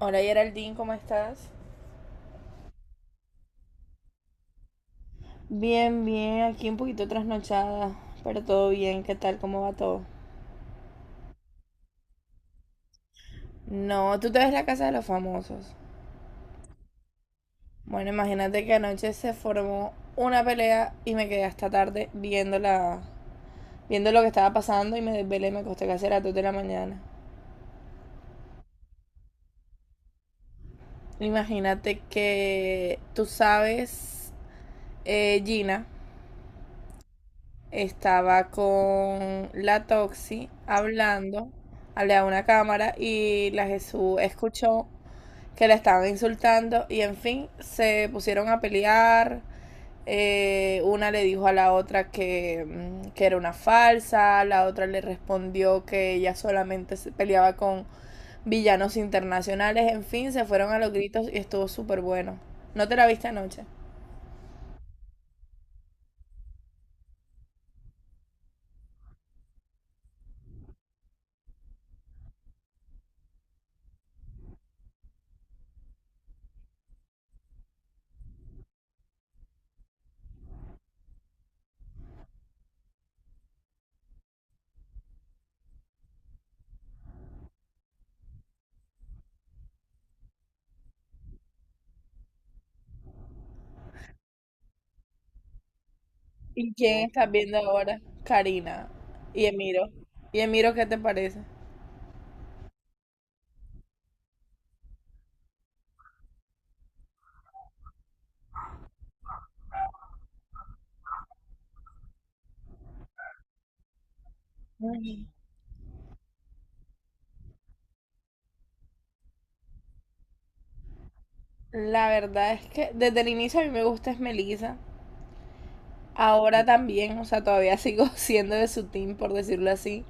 Hola Geraldine, ¿cómo estás? Bien, bien, aquí un poquito trasnochada, pero todo bien, ¿qué tal? ¿Cómo va todo? No, tú te ves la casa de los famosos. Bueno, imagínate que anoche se formó una pelea y me quedé hasta tarde viendo lo que estaba pasando y me desvelé, me acosté casi a las 2 de la mañana. Imagínate que tú sabes, Gina, estaba con la Toxi hablando, hablé a una cámara y la Jesús escuchó que la estaban insultando y en fin, se pusieron a pelear. Una le dijo a la otra que, que era una falsa, la otra le respondió que ella solamente se peleaba con villanos internacionales, en fin, se fueron a los gritos y estuvo súper bueno. ¿No te la viste anoche? ¿Y quién estás viendo ahora? Karina y Emiro. ¿Y Emiro qué te parece? Ay, la verdad es que desde el inicio a mí me gusta es Melissa. Ahora también, o sea, todavía sigo siendo de su team, por decirlo así.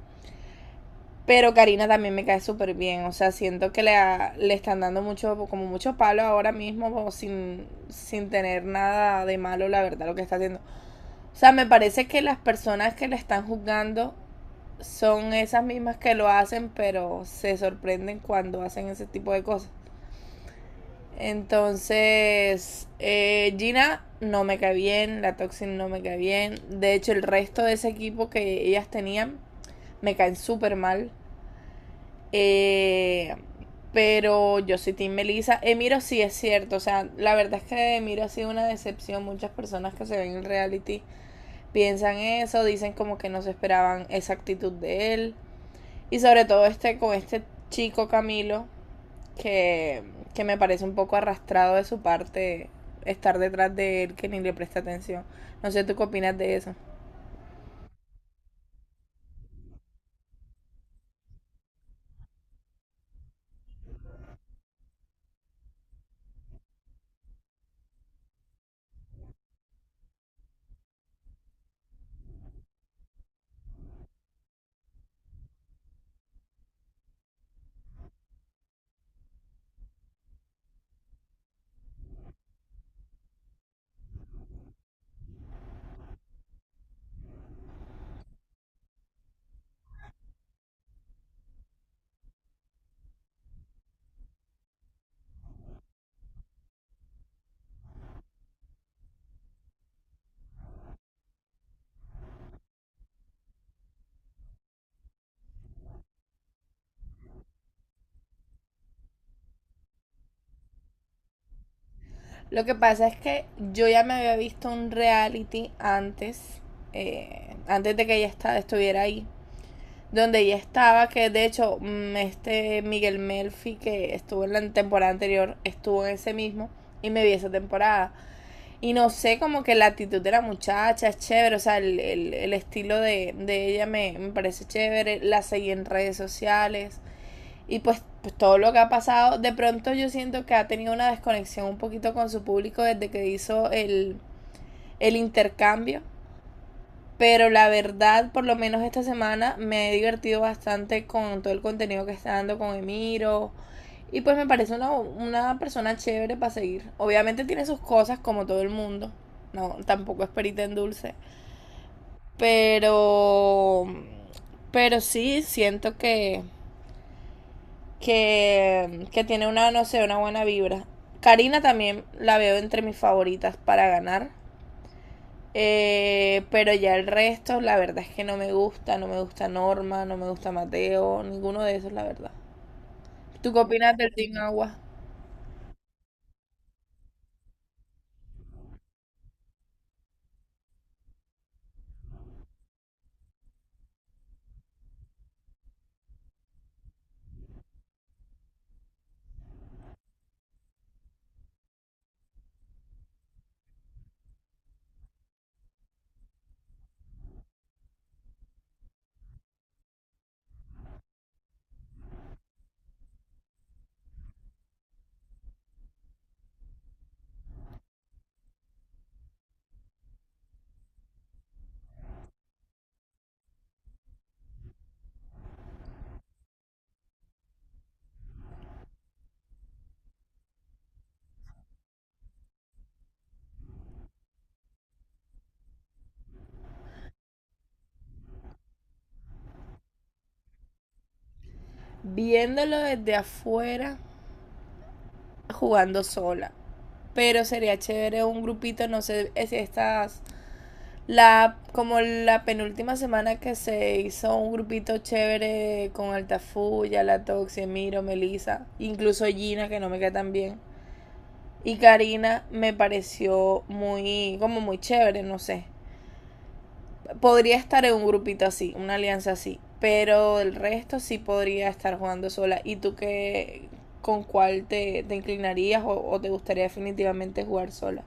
Pero Karina también me cae súper bien. O sea, siento que le están dando mucho, como mucho palo ahora mismo, como sin tener nada de malo, la verdad, lo que está haciendo. O sea, me parece que las personas que le están juzgando son esas mismas que lo hacen, pero se sorprenden cuando hacen ese tipo de cosas. Entonces, Gina no me cae bien, la Toxin no me cae bien. De hecho, el resto de ese equipo que ellas tenían me caen súper mal. Eh, pero yo soy Team Melissa. Emiro sí es cierto. O sea, la verdad es que Emiro ha sido una decepción. Muchas personas que se ven en reality piensan eso, dicen como que no se esperaban esa actitud de él. Y sobre todo este con este chico Camilo, que, que me parece un poco arrastrado de su parte estar detrás de él que ni le presta atención. No sé tú qué opinas de eso. Lo que pasa es que yo ya me había visto un reality antes, antes de que estuviera ahí, donde ella estaba, que de hecho este Miguel Melfi que estuvo en la temporada anterior, estuvo en ese mismo y me vi esa temporada. Y no sé, como que la actitud de la muchacha es chévere, o sea, el estilo de ella me parece chévere, la seguí en redes sociales y pues todo lo que ha pasado, de pronto yo siento que ha tenido una desconexión un poquito con su público desde que hizo el intercambio, pero la verdad, por lo menos esta semana, me he divertido bastante con todo el contenido que está dando con Emiro. Y pues me parece una persona chévere para seguir. Obviamente tiene sus cosas como todo el mundo. No, tampoco es perita en dulce. Pero... Pero sí, siento que tiene una, no sé, una buena vibra. Karina también la veo entre mis favoritas para ganar. Pero ya el resto, la verdad es que no me gusta, no me gusta Norma, no me gusta Mateo, ninguno de esos, la verdad. ¿Tú qué opinas del Team Agua? Viéndolo desde afuera, jugando sola. Pero sería chévere un grupito, no sé si estas, la, como la penúltima semana que se hizo un grupito chévere con Altafuya, La Toxie, Miro, Melissa, incluso Gina, que no me cae tan bien. Y Karina me pareció muy, como muy chévere, no sé. Podría estar en un grupito así, una alianza así. Pero el resto sí podría estar jugando sola. ¿Y tú qué, con te inclinarías te gustaría definitivamente jugar sola?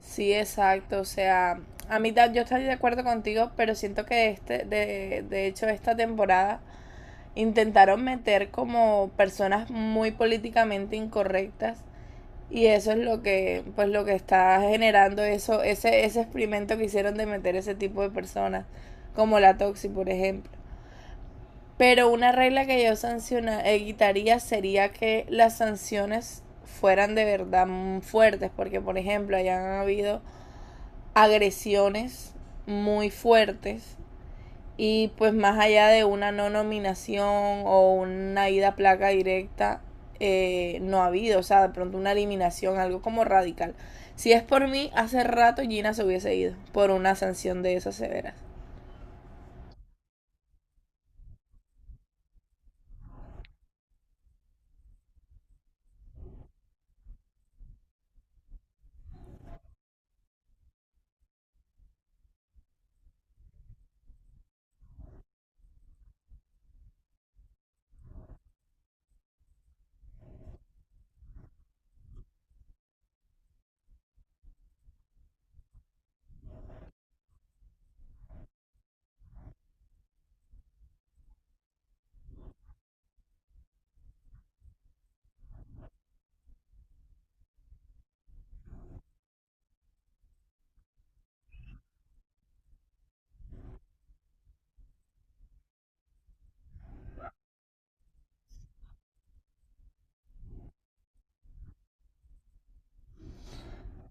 Sí, exacto. O sea, a mí yo estoy de acuerdo contigo, pero siento que de hecho esta temporada intentaron meter como personas muy políticamente incorrectas, y eso es lo que, pues lo que está generando eso, ese experimento que hicieron de meter ese tipo de personas, como la Toxi, por ejemplo. Pero una regla que yo quitaría sería que las sanciones fueran de verdad fuertes, porque por ejemplo hayan habido agresiones muy fuertes y pues más allá de una no nominación o una ida a placa directa, no ha habido, o sea, de pronto una eliminación, algo como radical. Si es por mí, hace rato Gina se hubiese ido por una sanción de esas severas.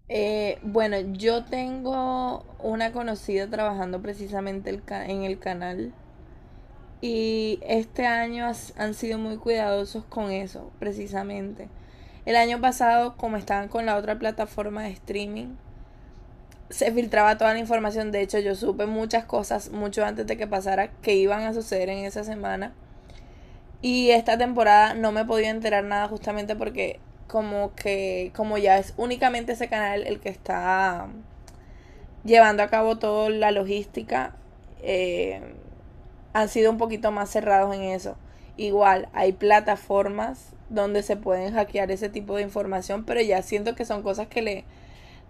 Bueno, yo tengo una conocida trabajando precisamente en el canal y este año han sido muy cuidadosos con eso, precisamente. El año pasado, como estaban con la otra plataforma de streaming, se filtraba toda la información. De hecho, yo supe muchas cosas mucho antes de que pasara que iban a suceder en esa semana. Y esta temporada no me he podido enterar nada justamente porque como que como ya es únicamente ese canal el que está llevando a cabo toda la logística, eh, han sido un poquito más cerrados en eso. Igual, hay plataformas donde se pueden hackear ese tipo de información, pero ya siento que son cosas que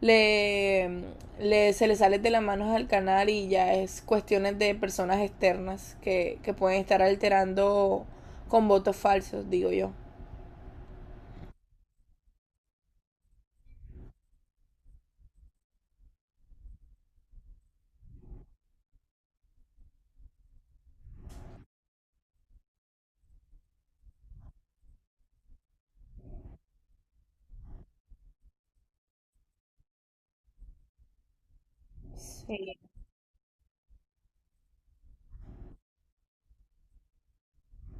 le, se le sale de las manos al canal y ya es cuestiones de personas externas que pueden estar alterando con votos falsos, digo yo. Sí.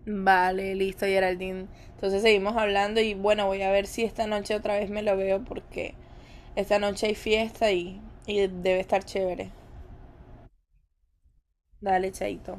Vale, listo, Geraldine. Entonces seguimos hablando y bueno, voy a ver si esta noche otra vez me lo veo porque esta noche hay fiesta y debe estar chévere. Dale, Chaito.